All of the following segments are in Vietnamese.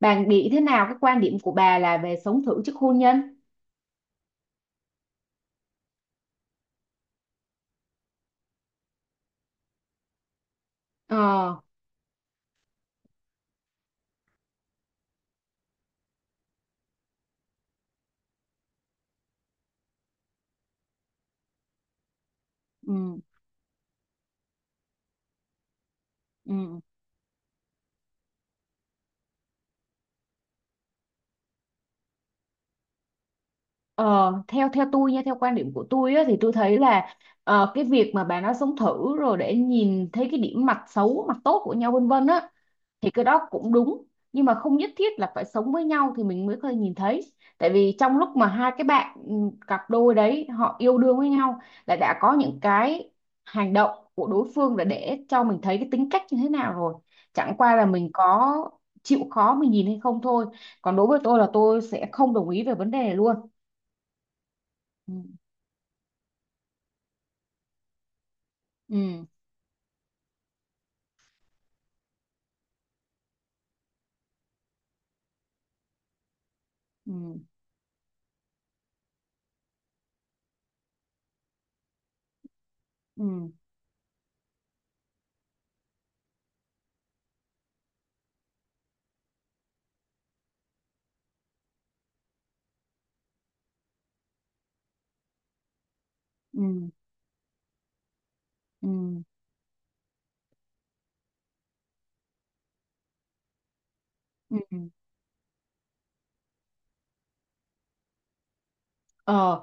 Bà nghĩ thế nào? Cái quan điểm của bà là về sống thử trước hôn nhân? Ờ. Ừ, ừ. ờ theo theo tôi nha, theo quan điểm của tôi á, thì tôi thấy là cái việc mà bà nói sống thử rồi để nhìn thấy cái điểm mặt xấu mặt tốt của nhau, vân vân á, thì cái đó cũng đúng. Nhưng mà không nhất thiết là phải sống với nhau thì mình mới có thể nhìn thấy. Tại vì trong lúc mà hai cái bạn, cặp đôi đấy họ yêu đương với nhau, là đã có những cái hành động của đối phương là để cho mình thấy cái tính cách như thế nào rồi. Chẳng qua là mình có chịu khó mình nhìn hay không thôi. Còn đối với tôi là tôi sẽ không đồng ý về vấn đề này luôn. Ừ, ừ, ừ, ừ, ừ, ừ, ừ, ừ. Ờ,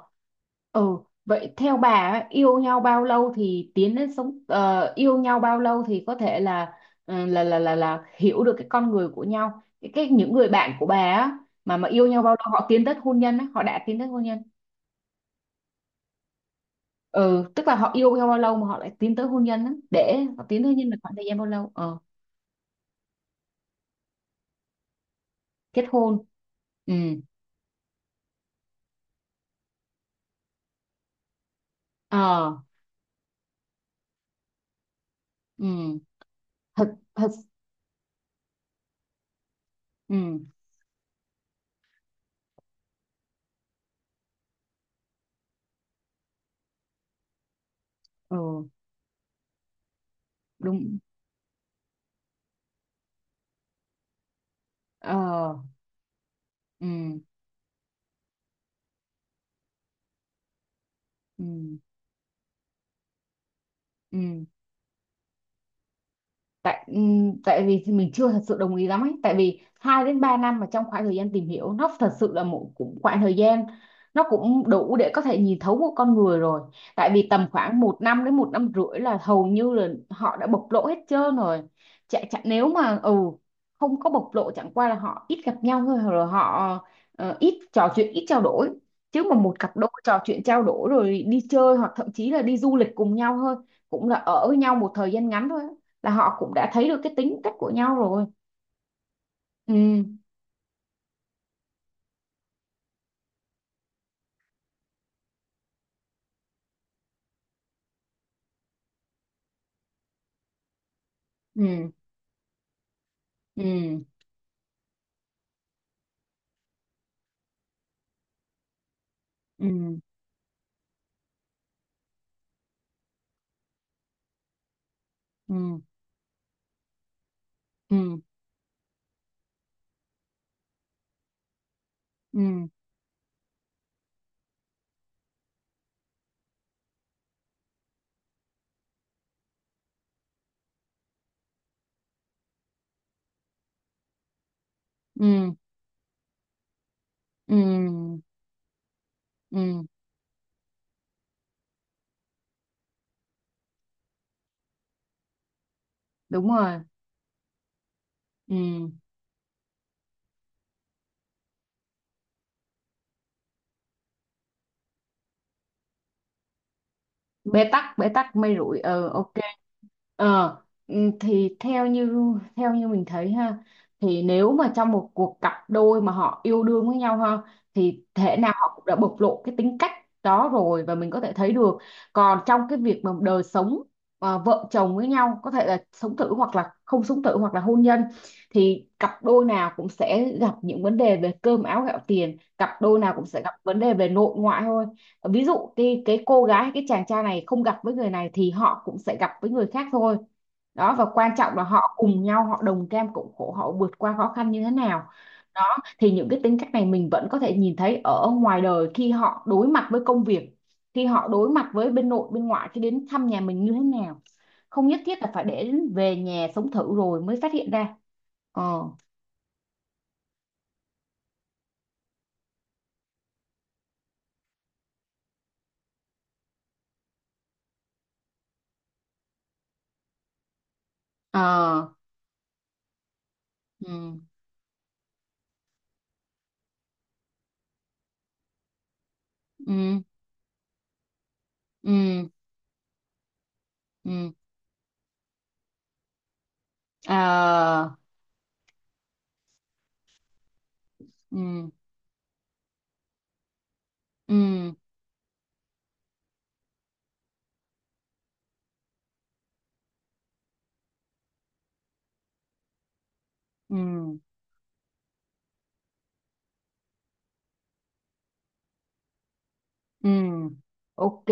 ừ, vậy theo bà á, yêu nhau bao lâu thì tiến đến sống ờ, yêu nhau bao lâu thì có thể là hiểu được cái con người của nhau. Cái những người bạn của bà á, mà yêu nhau bao lâu họ tiến tới hôn nhân á, họ đã tiến tới hôn nhân. Ừ, tức là họ yêu nhau bao lâu mà họ lại tiến tới hôn nhân á, để họ tiến tới hôn nhân là khoảng thời gian bao lâu? Ờ, kết hôn. Ừ. Ờ, ừ, thật thật. Ừ, ừ, đúng. Ờ, ừ, ừ, ừ. tại tại vì thì mình chưa thật sự đồng ý lắm ấy, tại vì 2 đến 3 năm mà trong khoảng thời gian tìm hiểu nó thật sự là một cũng khoảng thời gian, nó cũng đủ để có thể nhìn thấu một con người rồi. Tại vì tầm khoảng một năm đến một năm rưỡi là hầu như là họ đã bộc lộ hết trơn rồi. Chả, nếu mà không có bộc lộ chẳng qua là họ ít gặp nhau thôi, rồi họ ít trò chuyện ít trao đổi. Chứ mà một cặp đôi trò chuyện trao đổi rồi đi chơi hoặc thậm chí là đi du lịch cùng nhau thôi, cũng là ở với nhau một thời gian ngắn thôi, là họ cũng đã thấy được cái tính cách của nhau rồi. Ừ, ừ, ừ, ừ, ừ, ừ, ừ, ừ, ừ, ừ, ừ, đúng rồi. Ừ. Bế tắc, bế tắc, mây rụi. Ờ ok. ờ ừ, thì theo như mình thấy ha, thì nếu mà trong một cuộc cặp đôi mà họ yêu đương với nhau ha, thì thể nào họ cũng đã bộc lộ cái tính cách đó rồi, và mình có thể thấy được. Còn trong cái việc mà đời sống vợ chồng với nhau có thể là sống thử hoặc là không sống thử hoặc là hôn nhân, thì cặp đôi nào cũng sẽ gặp những vấn đề về cơm áo gạo tiền, cặp đôi nào cũng sẽ gặp vấn đề về nội ngoại thôi. Ờ, ví dụ cái cô gái hay cái chàng trai này không gặp với người này thì họ cũng sẽ gặp với người khác thôi. Đó, và quan trọng là họ cùng nhau, họ đồng cam cộng khổ, họ vượt qua khó khăn như thế nào. Đó, thì những cái tính cách này mình vẫn có thể nhìn thấy ở ngoài đời khi họ đối mặt với công việc, khi họ đối mặt với bên nội bên ngoại khi đến thăm nhà mình như thế nào. Không nhất thiết là phải để đến về nhà sống thử rồi mới phát hiện ra. Ờ, ờ, ừ, ừ, ừ, ừ, ờ, ừ, ừ, ừ. Ừ, ok.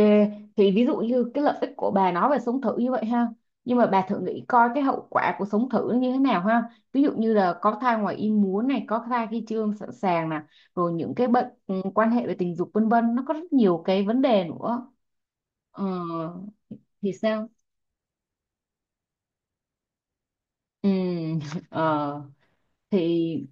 Thì ví dụ như cái lợi ích của bà nói về sống thử như vậy ha. Nhưng mà bà thử nghĩ coi cái hậu quả của sống thử nó như thế nào ha. Ví dụ như là có thai ngoài ý muốn này, có thai khi chưa sẵn sàng nè, rồi những cái bệnh, quan hệ về tình dục vân vân, nó có rất nhiều cái vấn đề nữa. Ờ, thì sao? Ừ, ờ, thì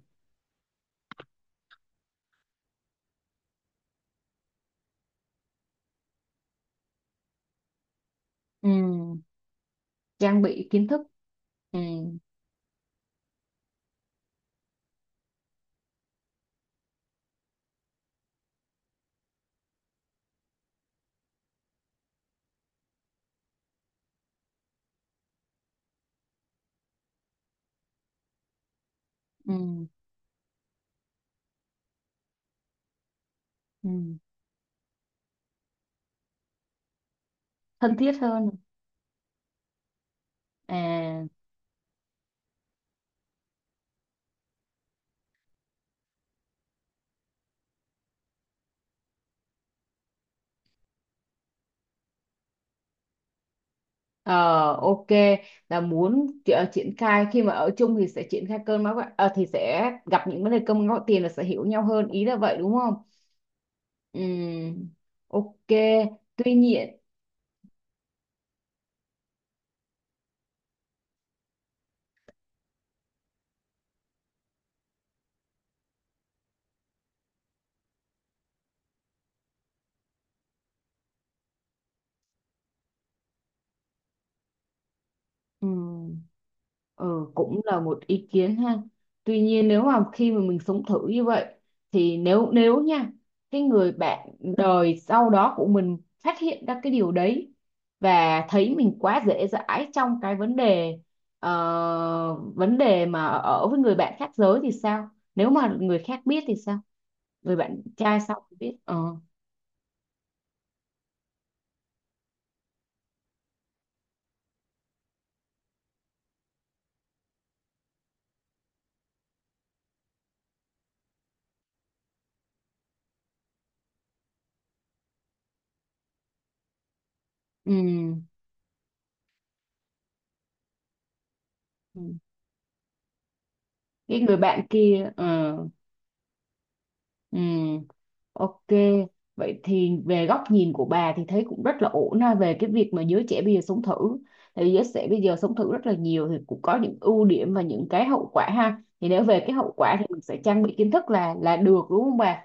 ừ, trang bị kiến thức, ừ, ừ, ừ, thân thiết hơn. À. Ờ, ok, là muốn triển khai khi mà ở chung thì sẽ triển khai cơn máu gạo- ờ, thì sẽ gặp những vấn đề cơm gạo tiền là sẽ hiểu nhau hơn, ý là vậy đúng không? Ừm, ok, tuy nhiên. Ờ, cũng là một ý kiến ha. Tuy nhiên nếu mà khi mà mình sống thử như vậy, thì nếu nếu nha, cái người bạn đời sau đó của mình phát hiện ra cái điều đấy và thấy mình quá dễ dãi trong cái vấn đề mà ở với người bạn khác giới thì sao? Nếu mà người khác biết thì sao? Người bạn trai sau thì biết. Ờ. Ừ. Ừ. Cái người bạn kia ờ. Ừ. Ok, vậy thì về góc nhìn của bà thì thấy cũng rất là ổn ha về cái việc mà giới trẻ bây giờ sống thử. Tại vì giới trẻ bây giờ sống thử rất là nhiều, thì cũng có những ưu điểm và những cái hậu quả ha. Thì nếu về cái hậu quả thì mình sẽ trang bị kiến thức là được đúng không bà?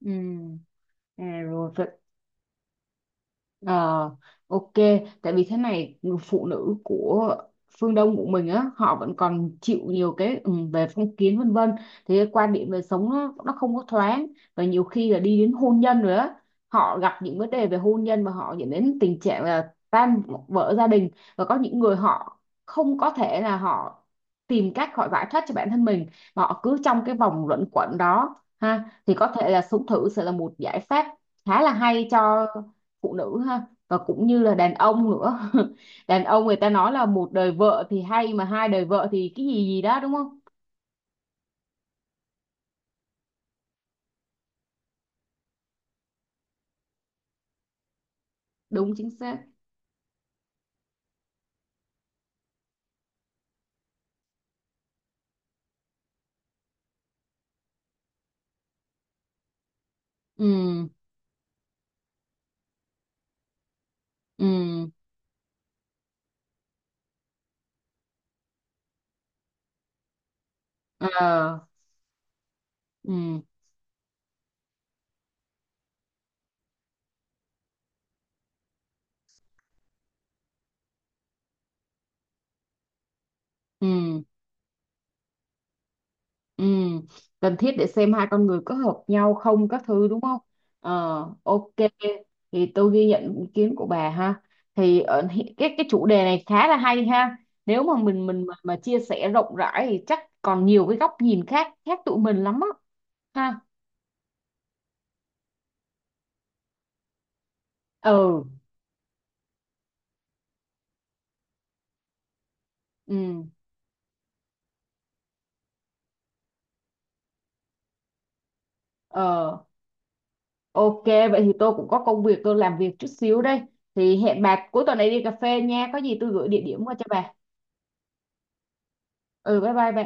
Ừ, rồi. Ờ, ok, tại vì thế này người phụ nữ của phương Đông của mình á, họ vẫn còn chịu nhiều cái về phong kiến vân vân, thì cái quan điểm về sống nó không có thoáng, và nhiều khi là đi đến hôn nhân rồi á, họ gặp những vấn đề về hôn nhân và họ dẫn đến tình trạng là tan vỡ gia đình, và có những người họ không có thể là họ tìm cách họ giải thoát cho bản thân mình, mà họ cứ trong cái vòng luẩn quẩn đó ha, thì có thể là sống thử sẽ là một giải pháp khá là hay cho phụ nữ ha, và cũng như là đàn ông nữa. Đàn ông người ta nói là một đời vợ thì hay mà hai đời vợ thì cái gì gì đó đúng không? Đúng chính xác. Ừ, ừ, ờ, ừ, ừ, ừ, cần thiết để xem hai con người có hợp nhau không các thứ đúng không. ờ ok, thì tôi ghi nhận ý kiến của bà ha, thì ở, hi- cái chủ đề này khá là hay ha. Nếu mà mình mà chia sẻ rộng rãi thì chắc còn nhiều cái góc nhìn khác khác tụi mình lắm á ha. Ừ, ừ. ờ ok, vậy thì tôi cũng có công việc, tôi làm việc chút xíu đây, thì hẹn bà cuối tuần này đi cà phê nha, có gì tôi gửi địa điểm qua cho bà. Ừ, bye bye bà.